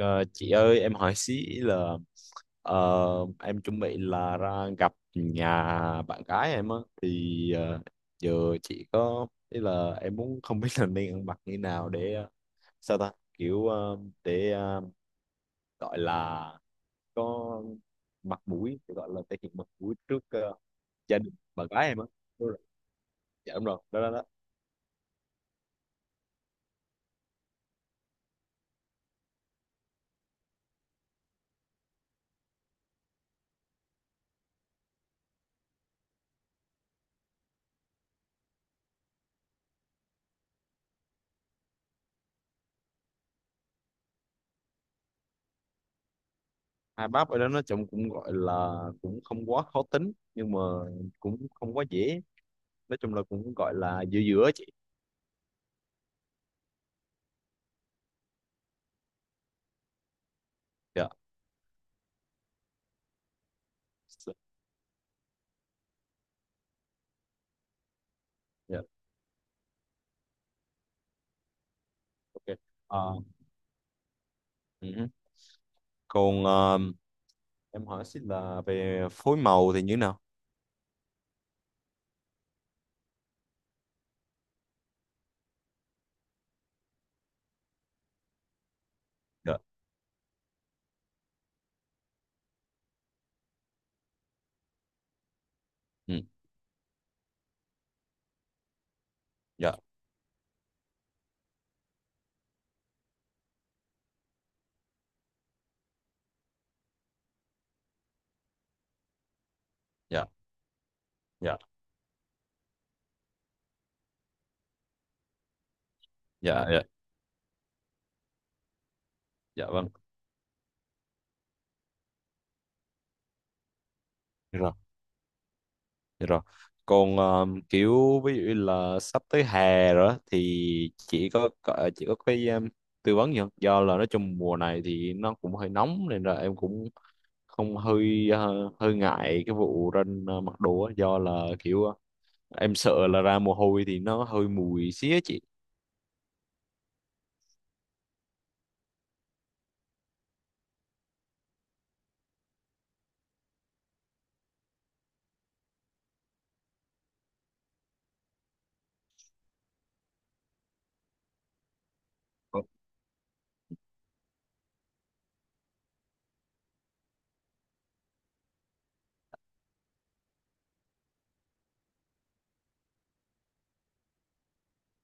Ờ, chị ơi em hỏi xí là ờ, em chuẩn bị là ra gặp nhà bạn gái em á thì giờ chị có ý là em muốn không biết là nên ăn mặc như nào để sao ta kiểu để gọi là có mặt mũi để gọi là thể hiện mặt mũi trước gia đình bạn gái em á. Đúng rồi. Dạ đúng rồi, đó, đó, đó. Hai bác ở đó nói chung cũng gọi là cũng không quá khó tính nhưng mà cũng không quá dễ, nói chung là cũng gọi là giữa giữa chị. Dạ. Dạ. Dạ. Ok. À, ừ. Còn em hỏi xin là về phối màu thì như thế nào? Dạ. Ừ. Dạ. Dạ. Dạ. Dạ. Dạ. Dạ vâng. Dạ rồi. Dạ rồi. Còn kiểu ví dụ như là sắp tới hè rồi á, thì chỉ có cái em tư vấn gì không? Do là nói chung mùa này thì nó cũng hơi nóng nên là em cũng không hơi hơi ngại cái vụ ra mặc đồ á, do là kiểu em sợ là ra mồ hôi thì nó hơi mùi xía chị.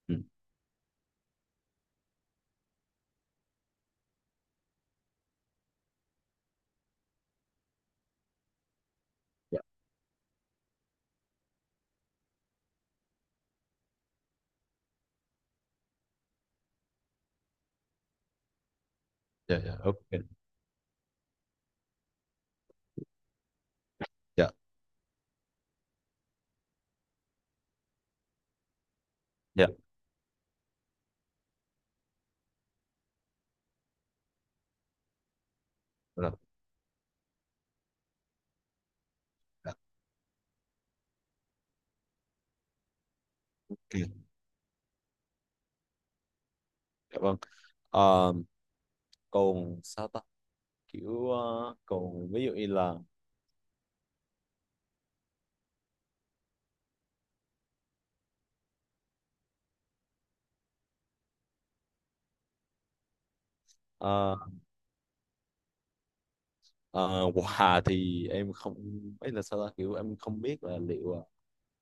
Ừ. Dạ, dạ, dạ, ok. dạ Dạ. Rồi. Dạ, ok. Dạ vâng. Ờ, còn sao ta kiểu còn ví dụ như là ờ, ờ, quà thì em không, ấy là sao ta kiểu em không biết là liệu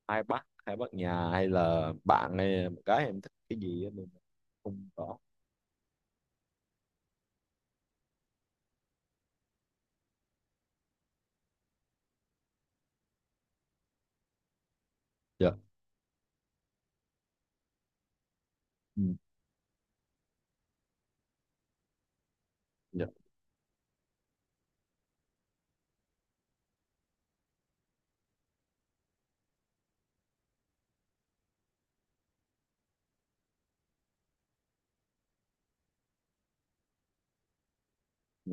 hai bác nhà hay là bạn hay là một cái em thích cái gì á, nên là không có. Dạ. Ừ, dạ. Ừ,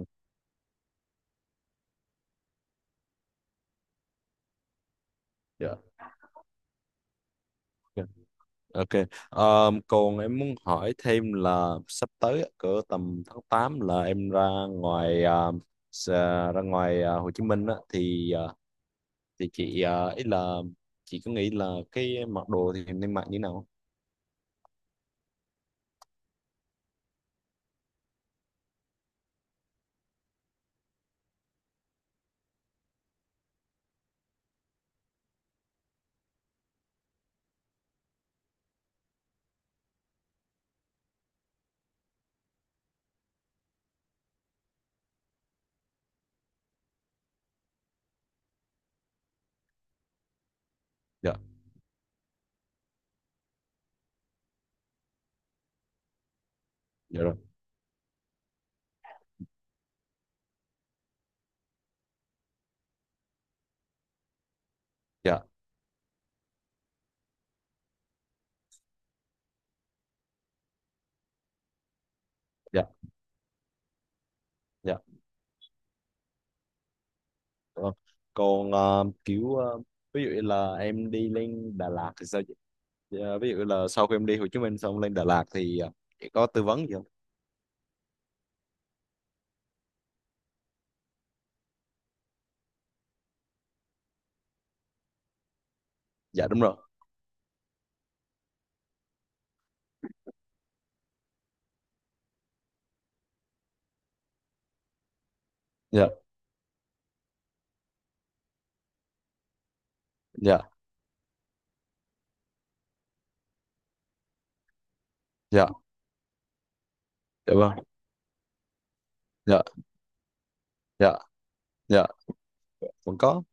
dạ. Ok. Còn em muốn hỏi thêm là sắp tới á, cỡ tầm tháng 8 là em ngoài ờ, ra ngoài Hồ Chí Minh á, thì thì chị ý là chị có nghĩ là cái mặc đồ thì em nên mặc như thế nào không? Dạ, dạ rồi, dạ, dạ, dạ. Vâng. Còn kiểu ví dụ như là em đi lên Đà Lạt thì sao chị? Dạ, ví dụ là sau khi em đi Hồ Chí Minh xong lên Đà Lạt thì chị có tư vấn gì không? Dạ đúng rồi. Dạ, dạ, dạ, dạ vâng, dạ, dạ. Dạ vẫn có.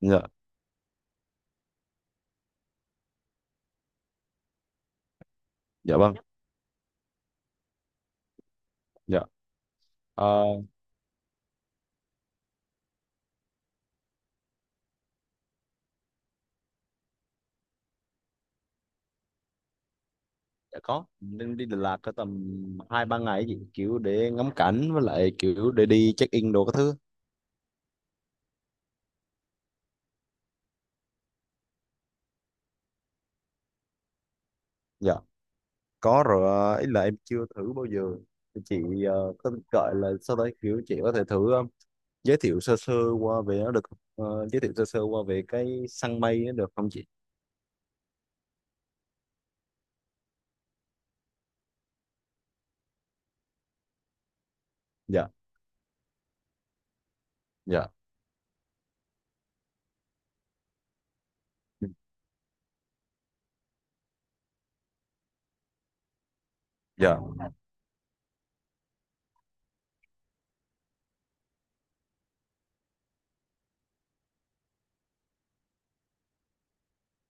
Dạ. Dạ vâng. Dạ. Ờ, dạ có. Nên đi Đà Lạt có tầm hai ba ngày ấy, kiểu để ngắm cảnh với lại kiểu để đi check in đồ các thứ. Dạ có rồi. Ý là em chưa thử bao giờ. Thì chị có gọi là sau đấy kiểu chị có thể thử giới thiệu sơ sơ qua về nó được không? Giới thiệu sơ sơ qua về cái săn mây nó được không chị? Dạ. Dạ. Dạ.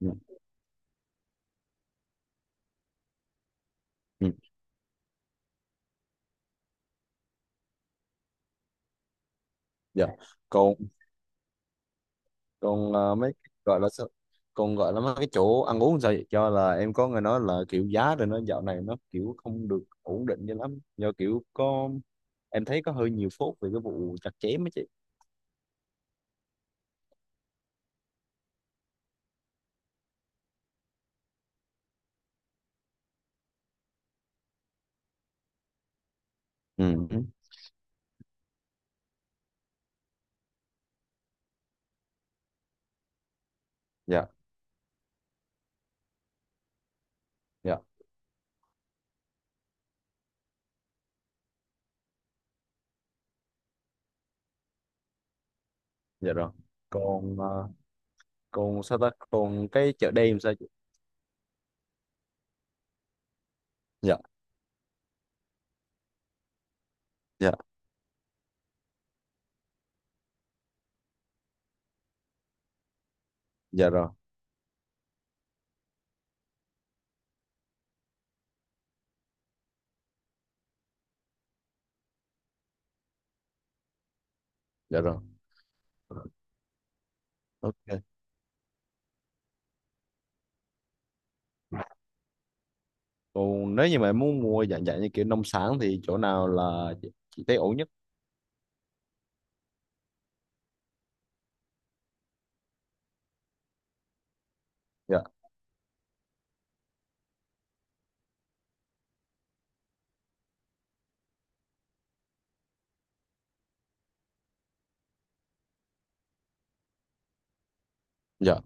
Ừ, ừ, dạ. Còn, còn mấy cái gọi là sao, còn gọi là mấy cái chỗ ăn uống sao vậy, cho là em có nghe nói là kiểu giá rồi nó dạo này nó kiểu không được ổn định cho lắm, do kiểu có em thấy có hơi nhiều phốt về cái vụ chặt chém ấy chị. Ừ. Ừ, dạ. Dạ. Dạ rồi. Còn còn sao ta, còn cái chợ đêm sao chị? Dạ. Dạ. Dạ rồi. Dạ rồi. Ok. Còn nếu như mà em muốn mua dạng dạng như kiểu nông sản thì chỗ nào là chị thấy ổn nhất? Dạ. Dạ.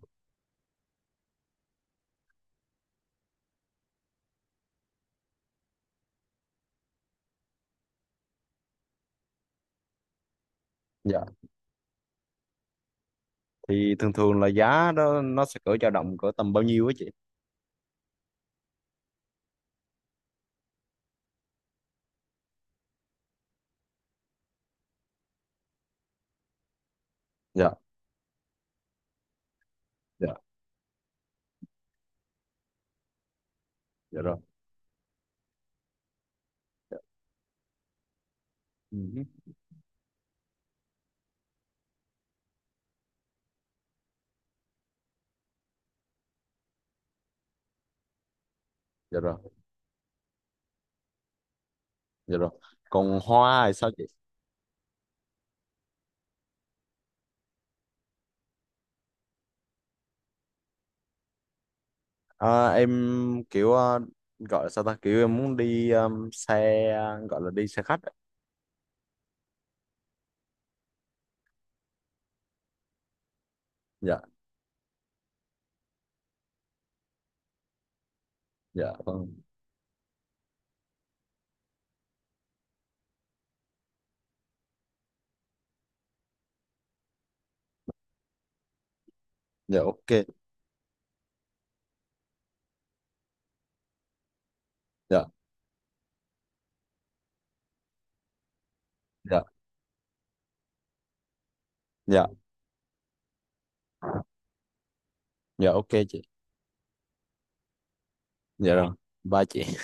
Dạ. Thì thường thường là giá đó nó sẽ cỡ dao động cỡ tầm bao nhiêu á chị? Dạ. Dạ. Dạ rồi. Ừ. Dạ rồi. Dạ rồi. Còn hoa thì sao chị? À, em kiểu gọi là sao ta kiểu em muốn đi xe, gọi là đi xe khách á. Dạ. Dạ vâng. Dạ ok. Dạ. Dạ. Dạ. Dạ ok chị. Dạ rồi. Bye chị.